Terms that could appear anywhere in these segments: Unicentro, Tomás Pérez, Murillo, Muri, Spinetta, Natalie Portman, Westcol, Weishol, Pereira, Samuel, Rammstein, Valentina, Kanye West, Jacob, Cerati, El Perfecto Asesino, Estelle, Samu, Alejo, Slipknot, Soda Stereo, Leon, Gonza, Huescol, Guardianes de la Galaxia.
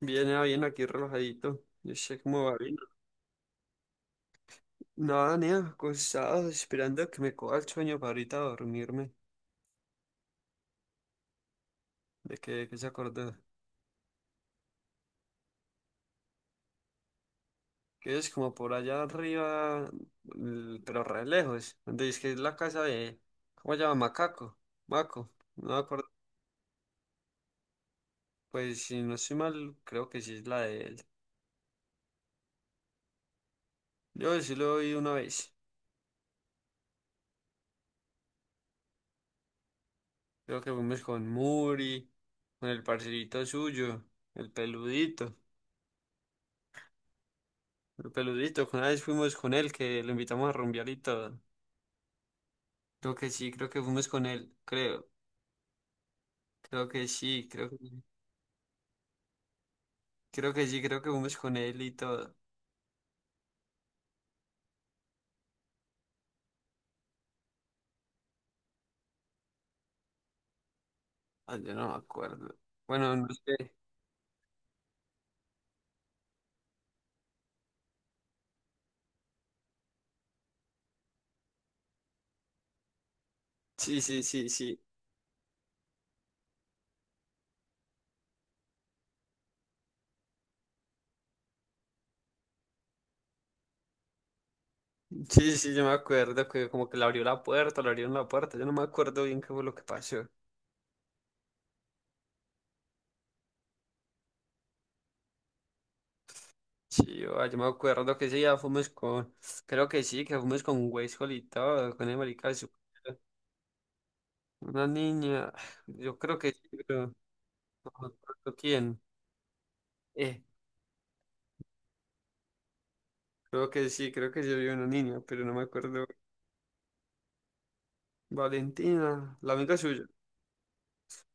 Bien, bien, aquí relajadito. Yo sé cómo va bien. Nada, ni acostado, esperando a que me coja el sueño para ahorita dormirme. ¿De que se acordó? Que es como por allá arriba, pero re lejos. Donde dice que es la casa de... ¿Cómo se llama? Macaco. Maco. No me acuerdo. Pues si no estoy mal, creo que sí es la de él. Yo sí lo vi una vez. Creo que fuimos con Muri, con el parcerito suyo, el peludito. El peludito, una vez fuimos con él, que lo invitamos a rumbear y todo. Creo que sí, creo que fuimos con él, creo, creo que sí, creo que sí, creo que fuimos con él y todo. Ah, yo no me acuerdo. Bueno, no sé. Sí, sí, sí, sí. Sí, sí, sí, yo me acuerdo que como que le abrió la puerta, le abrieron la puerta, yo no me acuerdo bien qué fue lo que pasó. Sí, yo, yo me acuerdo que sí, ya fuimos con, creo que sí, que fuimos con Weishol y todo, con el marica de una niña, yo creo que sí, pero no me acuerdo quién. Eh, Creo que sí, creo que yo vi una niña, pero no me acuerdo. Valentina, la amiga suya.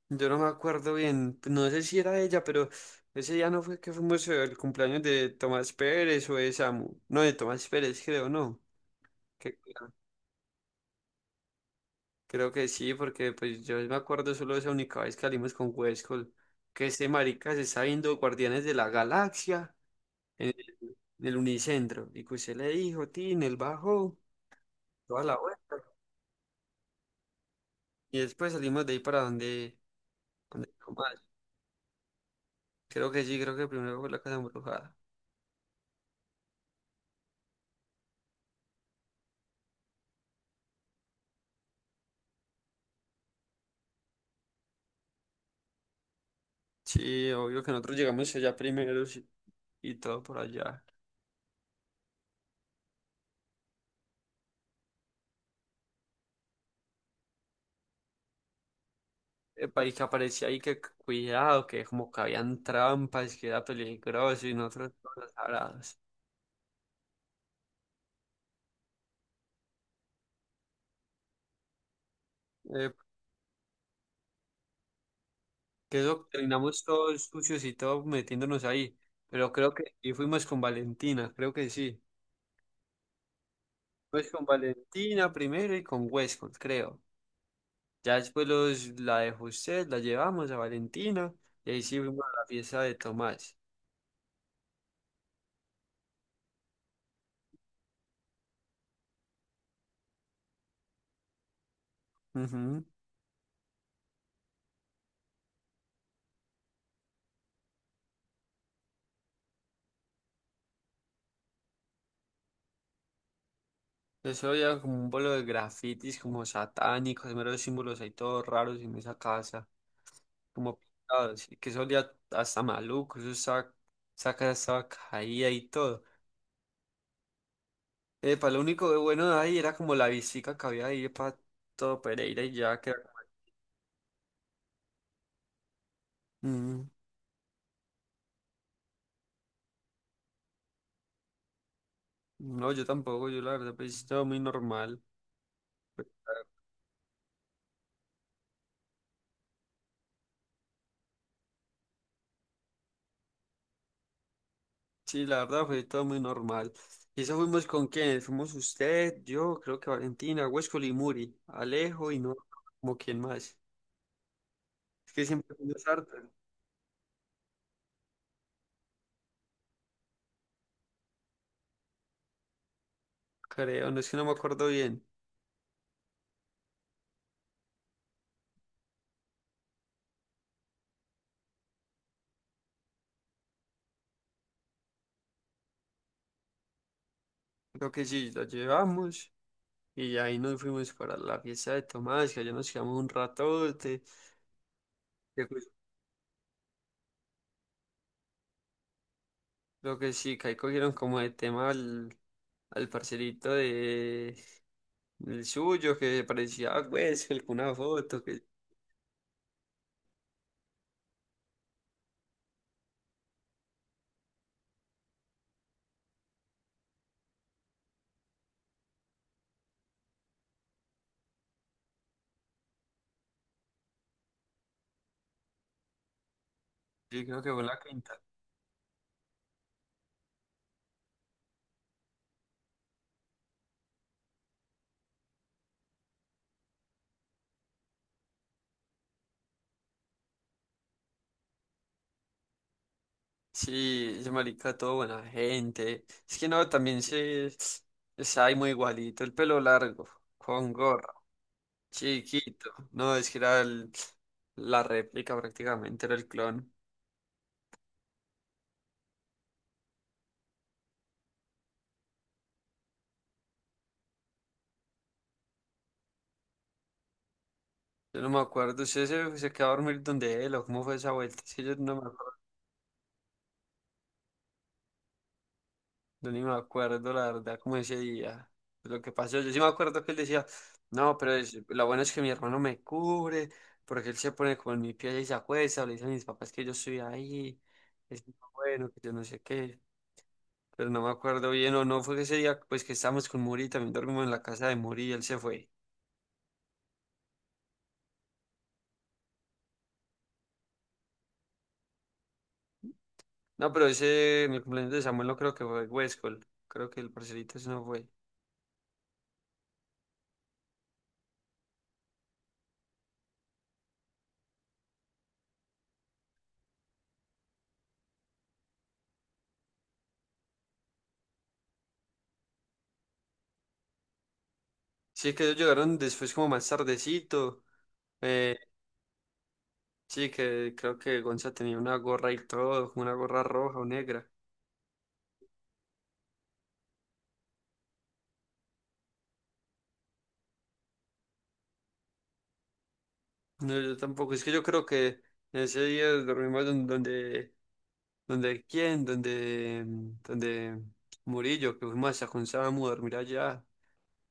Yo no me acuerdo bien, no sé si era ella, pero ese día no fue que fuimos al cumpleaños de Tomás Pérez o de Samu. No, de Tomás Pérez, creo, no. Que- creo que sí, porque pues yo me acuerdo solo de esa única vez que salimos con Huescol, que ese marica se está viendo Guardianes de la Galaxia en, en el Unicentro. Y que usted le dijo, Tin, él bajó, toda la vuelta. Y después salimos de ahí para donde... donde creo que sí, creo que primero fue la casa embrujada. Sí, obvio que nosotros llegamos allá primero sí, y todo por allá. El país que aparecía ahí, que cuidado, que como que habían trampas, que era peligroso y nosotros todos abrados. Eh, que eso terminamos todos sucios y todos metiéndonos ahí. Pero creo que y fuimos con Valentina, creo que sí. Fuimos con Valentina primero y con Westcott, creo. Ya después los, la de José, la llevamos a Valentina y ahí sí fuimos a la fiesta de Tomás. Eso había como un pueblo de grafitis, como satánicos, meros símbolos ahí todos raros en esa casa, como pintados, y que eso olía hasta maluco, eso estaba, esa casa estaba caída y todo. Para lo único de bueno de ahí era como la visita que había ahí para todo Pereira y ya que... Mm, no, yo tampoco, yo la verdad pues todo muy normal. Sí, la verdad fue todo muy normal. ¿Y eso fuimos con quién? Fuimos usted, yo, creo que Valentina, Huesco y Muri, Alejo y no, como quién más. Es que siempre fuimos hartos, creo, no es que no me acuerdo bien. Creo que sí, lo llevamos y ahí nos fuimos para la fiesta de Tomás, que allá nos quedamos un ratote. que cu- Creo que sí, que ahí cogieron como de tema al, al parcerito de el suyo, que parecía, pues, una foto, que yo creo que fue la quinta. Sí, ese marica, todo buena gente. Es que no, también se... Está ahí muy igualito, el pelo largo, con gorro. Chiquito. No, es que era la réplica prácticamente, era el clon. Yo no me acuerdo, ¿usted se quedó a dormir donde él o cómo fue esa vuelta? Es que yo no me acuerdo, yo ni me acuerdo la verdad cómo ese día, lo que pasó. Yo sí me acuerdo que él decía, no, pero lo bueno es que mi hermano me cubre, porque él se pone como en mi pie y se acuesta, o le dicen a mis papás que yo estoy ahí, es muy bueno, que yo no sé qué. Pero no me acuerdo bien, o no fue ese día, pues que estábamos con Muri, también dormimos en la casa de Muri y él se fue. No, pero ese, en el cumpleaños de Samuel no creo que fue Huescol. Creo que el parcerito ese no fue. Sí, que ellos llegaron después como más tardecito. Eh, sí, que creo que Gonza tenía una gorra y todo, como una gorra roja o negra. No, yo tampoco. Es que yo creo que ese día dormimos donde, donde, quién, donde, donde Murillo, que fuimos hasta con Samu a dormir allá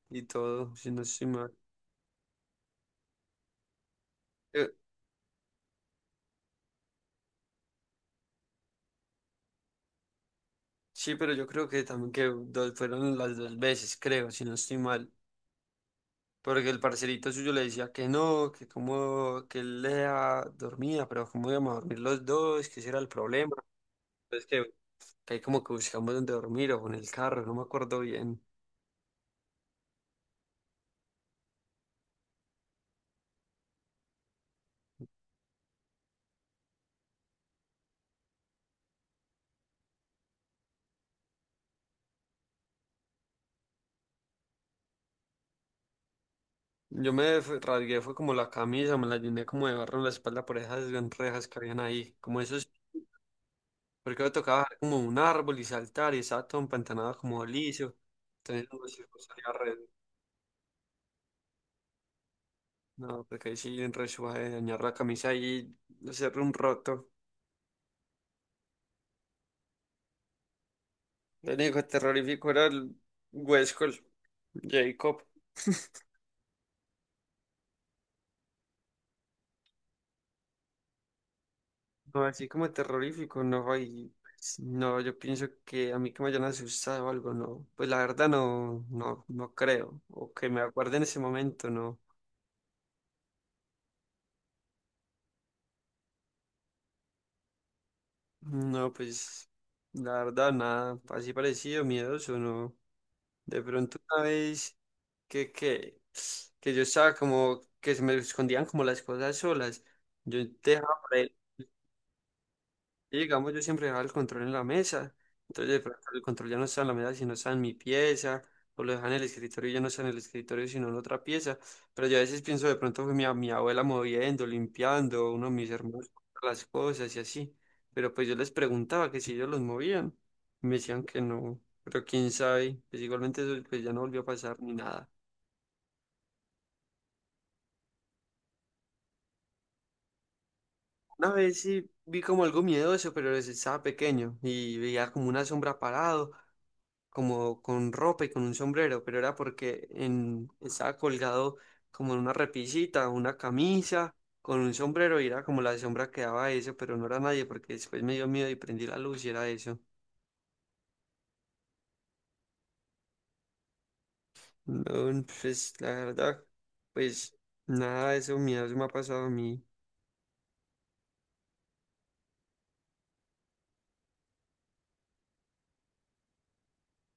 y todo, si no estoy mal. Eh, sí, pero yo creo que también que fueron las dos veces, creo, si no estoy mal. Porque el parcerito suyo le decía que no, que como, que él lea dormía, pero cómo íbamos a dormir los dos, que ese era el problema. Entonces que ahí como que buscamos dónde dormir o en el carro, no me acuerdo bien. Yo me rasgué, fue como la camisa, me la llené como de barro en la espalda por esas gran rejas que habían ahí. Como esos, porque me tocaba bajar como un árbol y saltar y estaba todo empantanado como liso. Entonces no sé, pues, salía re- No, porque ahí sí en re suave dañar la camisa y hacer un roto. El hijo terrorífico era el Westcol, Jacob. No, así como terrorífico, no, y pues, no, yo pienso que a mí que me hayan asustado o algo, no, pues la verdad no, no, no creo, o que me acuerde en ese momento, no, no, pues la verdad nada, así parecido, miedoso, no, de pronto una vez que, que, que yo estaba como, que se me escondían como las cosas solas, yo dejaba. Y digamos, yo siempre dejaba el control en la mesa. Entonces, de pronto, el control ya no está en la mesa, sino está en mi pieza. O lo dejan en el escritorio y ya no está en el escritorio, sino en otra pieza. Pero yo a veces pienso, de pronto fue mi, mi abuela moviendo, limpiando, uno de mis hermanos, las cosas y así. Pero pues yo les preguntaba que si ellos los movían y me decían que no. Pero quién sabe. Pues igualmente eso pues ya no volvió a pasar ni nada. Una vez sí vi como algo miedoso, pero pues, estaba pequeño y veía como una sombra parado, como con ropa y con un sombrero, pero era porque en, estaba colgado como en una repisita, una camisa, con un sombrero y era como la sombra que daba eso, pero no era nadie porque después me dio miedo y prendí la luz y era eso. No, pues la verdad, pues nada de eso miedo se me ha pasado a mí.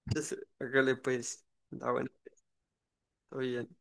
Hágale pues, ah bueno, todo bien.